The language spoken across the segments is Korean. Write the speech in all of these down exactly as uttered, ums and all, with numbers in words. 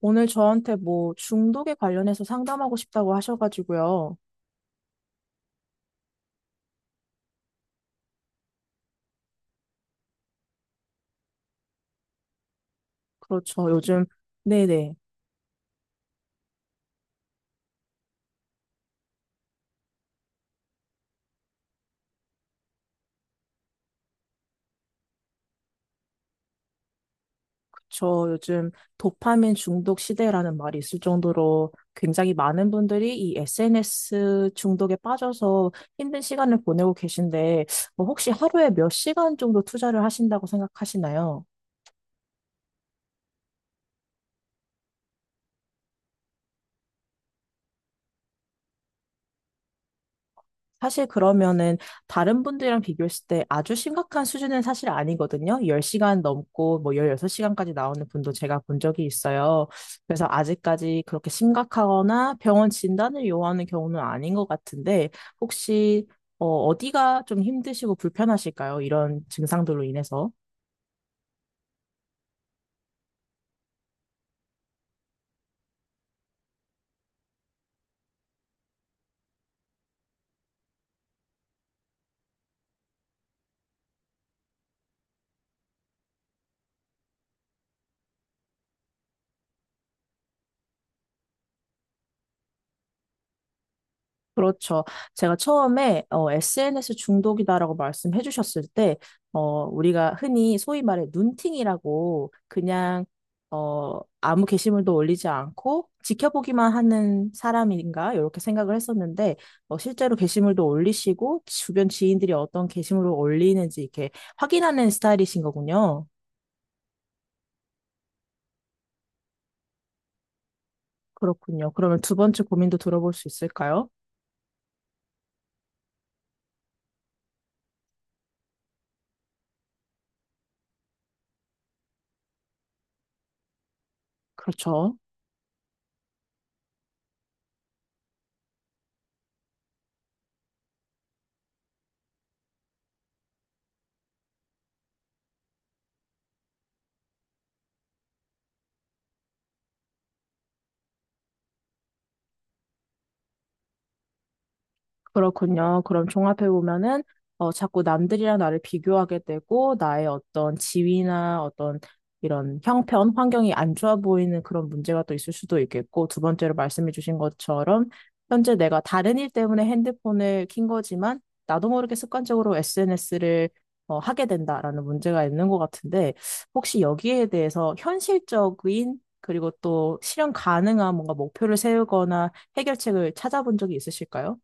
오늘 저한테 뭐 중독에 관련해서 상담하고 싶다고 하셔가지고요. 그렇죠. 요즘, 네네. 그쵸. 요즘 도파민 중독 시대라는 말이 있을 정도로 굉장히 많은 분들이 이 에스엔에스 중독에 빠져서 힘든 시간을 보내고 계신데, 뭐 혹시 하루에 몇 시간 정도 투자를 하신다고 생각하시나요? 사실 그러면은 다른 분들이랑 비교했을 때 아주 심각한 수준은 사실 아니거든요. 십 시간 넘고 뭐 십육 시간까지 나오는 분도 제가 본 적이 있어요. 그래서 아직까지 그렇게 심각하거나 병원 진단을 요하는 경우는 아닌 것 같은데 혹시 어, 어디가 좀 힘드시고 불편하실까요? 이런 증상들로 인해서. 그렇죠. 제가 처음에 어, 에스엔에스 중독이다라고 말씀해 주셨을 때, 어, 우리가 흔히 소위 말해 눈팅이라고 그냥 어, 아무 게시물도 올리지 않고 지켜보기만 하는 사람인가 이렇게 생각을 했었는데 어, 실제로 게시물도 올리시고 주변 지인들이 어떤 게시물을 올리는지 이렇게 확인하는 스타일이신 거군요. 그렇군요. 그러면 두 번째 고민도 들어볼 수 있을까요? 그렇죠. 그렇군요. 그럼 종합해 보면은 어 자꾸 남들이랑 나를 비교하게 되고 나의 어떤 지위나 어떤 이런 형편, 환경이 안 좋아 보이는 그런 문제가 또 있을 수도 있겠고 두 번째로 말씀해 주신 것처럼 현재 내가 다른 일 때문에 핸드폰을 킨 거지만 나도 모르게 습관적으로 에스엔에스를 어, 하게 된다라는 문제가 있는 것 같은데 혹시 여기에 대해서 현실적인 그리고 또 실현 가능한 뭔가 목표를 세우거나 해결책을 찾아본 적이 있으실까요?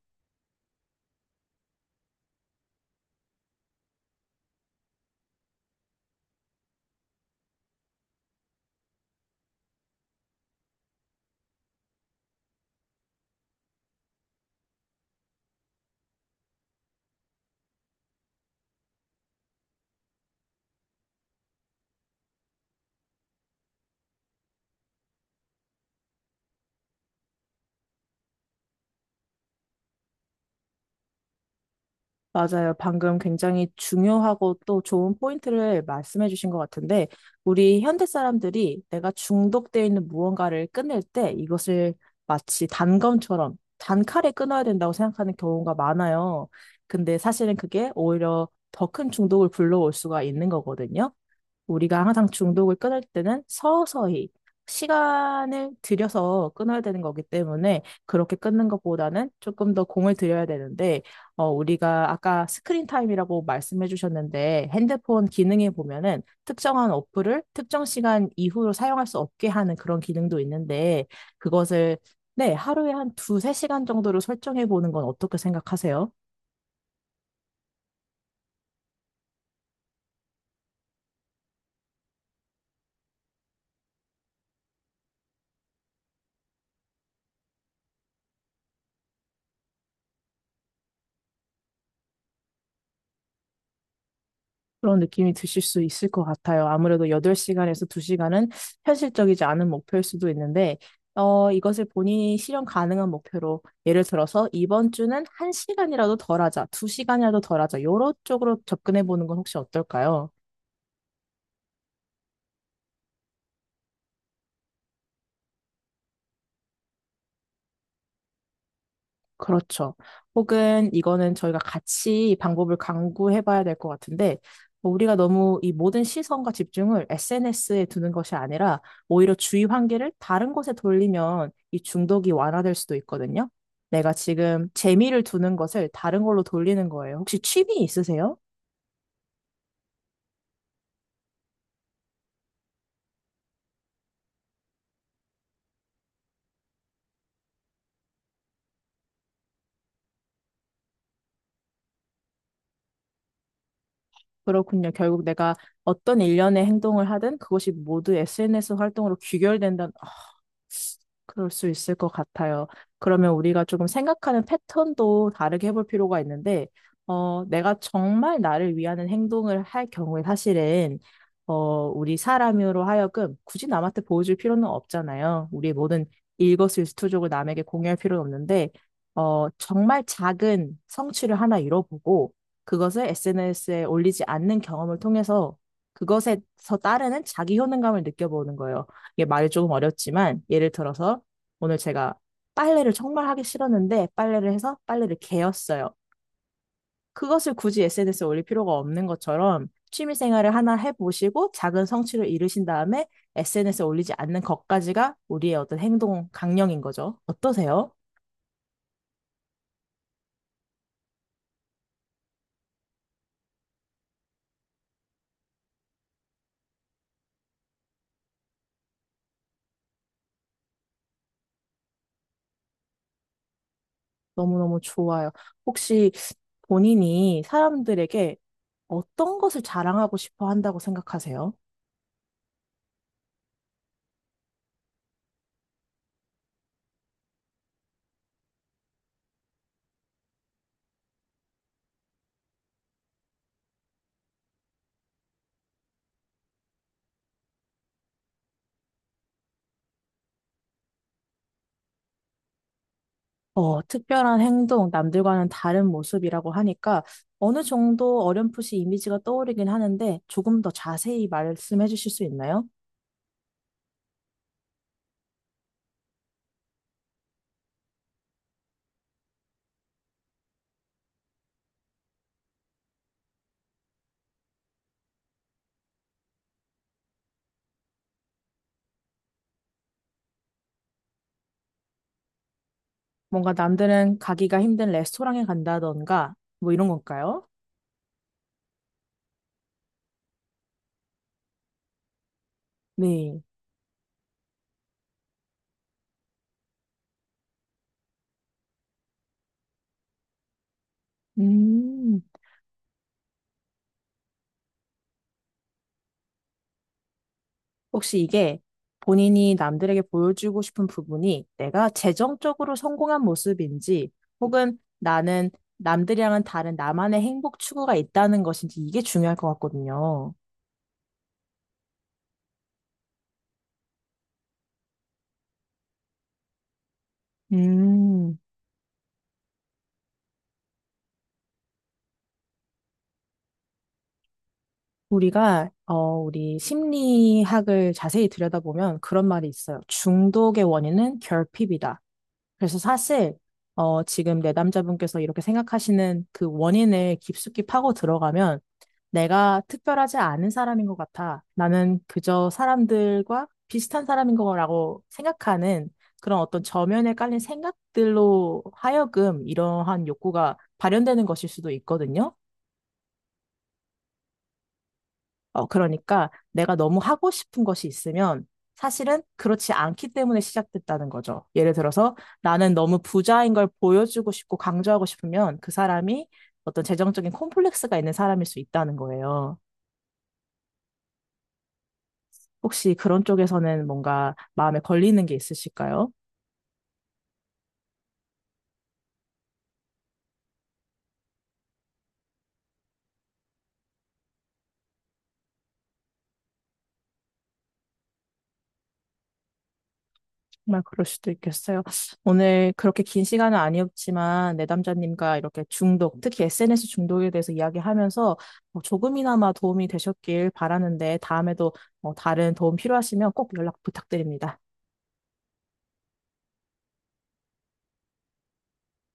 맞아요. 방금 굉장히 중요하고 또 좋은 포인트를 말씀해 주신 것 같은데, 우리 현대 사람들이 내가 중독되어 있는 무언가를 끊을 때 이것을 마치 단검처럼 단칼에 끊어야 된다고 생각하는 경우가 많아요. 근데 사실은 그게 오히려 더 큰 중독을 불러올 수가 있는 거거든요. 우리가 항상 중독을 끊을 때는 서서히 시간을 들여서 끊어야 되는 거기 때문에 그렇게 끊는 것보다는 조금 더 공을 들여야 되는데, 어, 우리가 아까 스크린 타임이라고 말씀해 주셨는데, 핸드폰 기능에 보면은 특정한 어플을 특정 시간 이후로 사용할 수 없게 하는 그런 기능도 있는데, 그것을 네, 하루에 한 두세 시간 정도로 설정해 보는 건 어떻게 생각하세요? 그런 느낌이 드실 수 있을 것 같아요. 아무래도 여덟 시간에서 두 시간은 현실적이지 않은 목표일 수도 있는데, 어, 이것을 본인이 실현 가능한 목표로, 예를 들어서 이번 주는 한 시간이라도 덜 하자, 두 시간이라도 덜 하자, 요런 쪽으로 접근해 보는 건 혹시 어떨까요? 그렇죠. 혹은 이거는 저희가 같이 방법을 강구해 봐야 될 것 같은데, 뭐 우리가 너무 이 모든 시선과 집중을 에스엔에스에 두는 것이 아니라, 오히려 주의 환기를 다른 곳에 돌리면 이 중독이 완화될 수도 있거든요. 내가 지금 재미를 두는 것을 다른 걸로 돌리는 거예요. 혹시 취미 있으세요? 그렇군요. 결국 내가 어떤 일련의 행동을 하든 그것이 모두 에스엔에스 활동으로 귀결된다, 그럴 수 있을 것 같아요. 그러면 우리가 조금 생각하는 패턴도 다르게 해볼 필요가 있는데, 어, 내가 정말 나를 위하는 행동을 할 경우에 사실은, 어, 우리 사람으로 하여금 굳이 남한테 보여줄 필요는 없잖아요. 우리의 모든 일거수일투족을 남에게 공유할 필요는 없는데, 어, 정말 작은 성취를 하나 이뤄보고, 그것을 에스엔에스에 올리지 않는 경험을 통해서 그것에서 따르는 자기 효능감을 느껴보는 거예요. 이게 말이 조금 어렵지만 예를 들어서 오늘 제가 빨래를 정말 하기 싫었는데 빨래를 해서 빨래를 개었어요. 그것을 굳이 에스엔에스에 올릴 필요가 없는 것처럼 취미 생활을 하나 해보시고 작은 성취를 이루신 다음에 에스엔에스에 올리지 않는 것까지가 우리의 어떤 행동 강령인 거죠. 어떠세요? 너무너무 좋아요. 혹시 본인이 사람들에게 어떤 것을 자랑하고 싶어 한다고 생각하세요? 어, 특별한 행동, 남들과는 다른 모습이라고 하니까 어느 정도 어렴풋이 이미지가 떠오르긴 하는데 조금 더 자세히 말씀해 주실 수 있나요? 뭔가 남들은 가기가 힘든 레스토랑에 간다던가 뭐 이런 건가요? 네. 음, 혹시 이게 본인이 남들에게 보여주고 싶은 부분이 내가 재정적으로 성공한 모습인지 혹은 나는 남들이랑은 다른 나만의 행복 추구가 있다는 것인지 이게 중요할 것 같거든요. 음. 우리가, 어, 우리 심리학을 자세히 들여다보면 그런 말이 있어요. 중독의 원인은 결핍이다. 그래서 사실, 어, 지금 내 남자분께서 이렇게 생각하시는 그 원인을 깊숙이 파고 들어가면 내가 특별하지 않은 사람인 것 같아. 나는 그저 사람들과 비슷한 사람인 거라고 생각하는 그런 어떤 저면에 깔린 생각들로 하여금 이러한 욕구가 발현되는 것일 수도 있거든요. 어, 그러니까 내가 너무 하고 싶은 것이 있으면 사실은 그렇지 않기 때문에 시작됐다는 거죠. 예를 들어서 나는 너무 부자인 걸 보여주고 싶고 강조하고 싶으면 그 사람이 어떤 재정적인 콤플렉스가 있는 사람일 수 있다는 거예요. 혹시 그런 쪽에서는 뭔가 마음에 걸리는 게 있으실까요? 정말 그럴 수도 있겠어요. 오늘 그렇게 긴 시간은 아니었지만 내담자님과 이렇게 중독, 특히 에스엔에스 중독에 대해서 이야기하면서 뭐 조금이나마 도움이 되셨길 바라는데 다음에도 뭐 다른 도움 필요하시면 꼭 연락 부탁드립니다.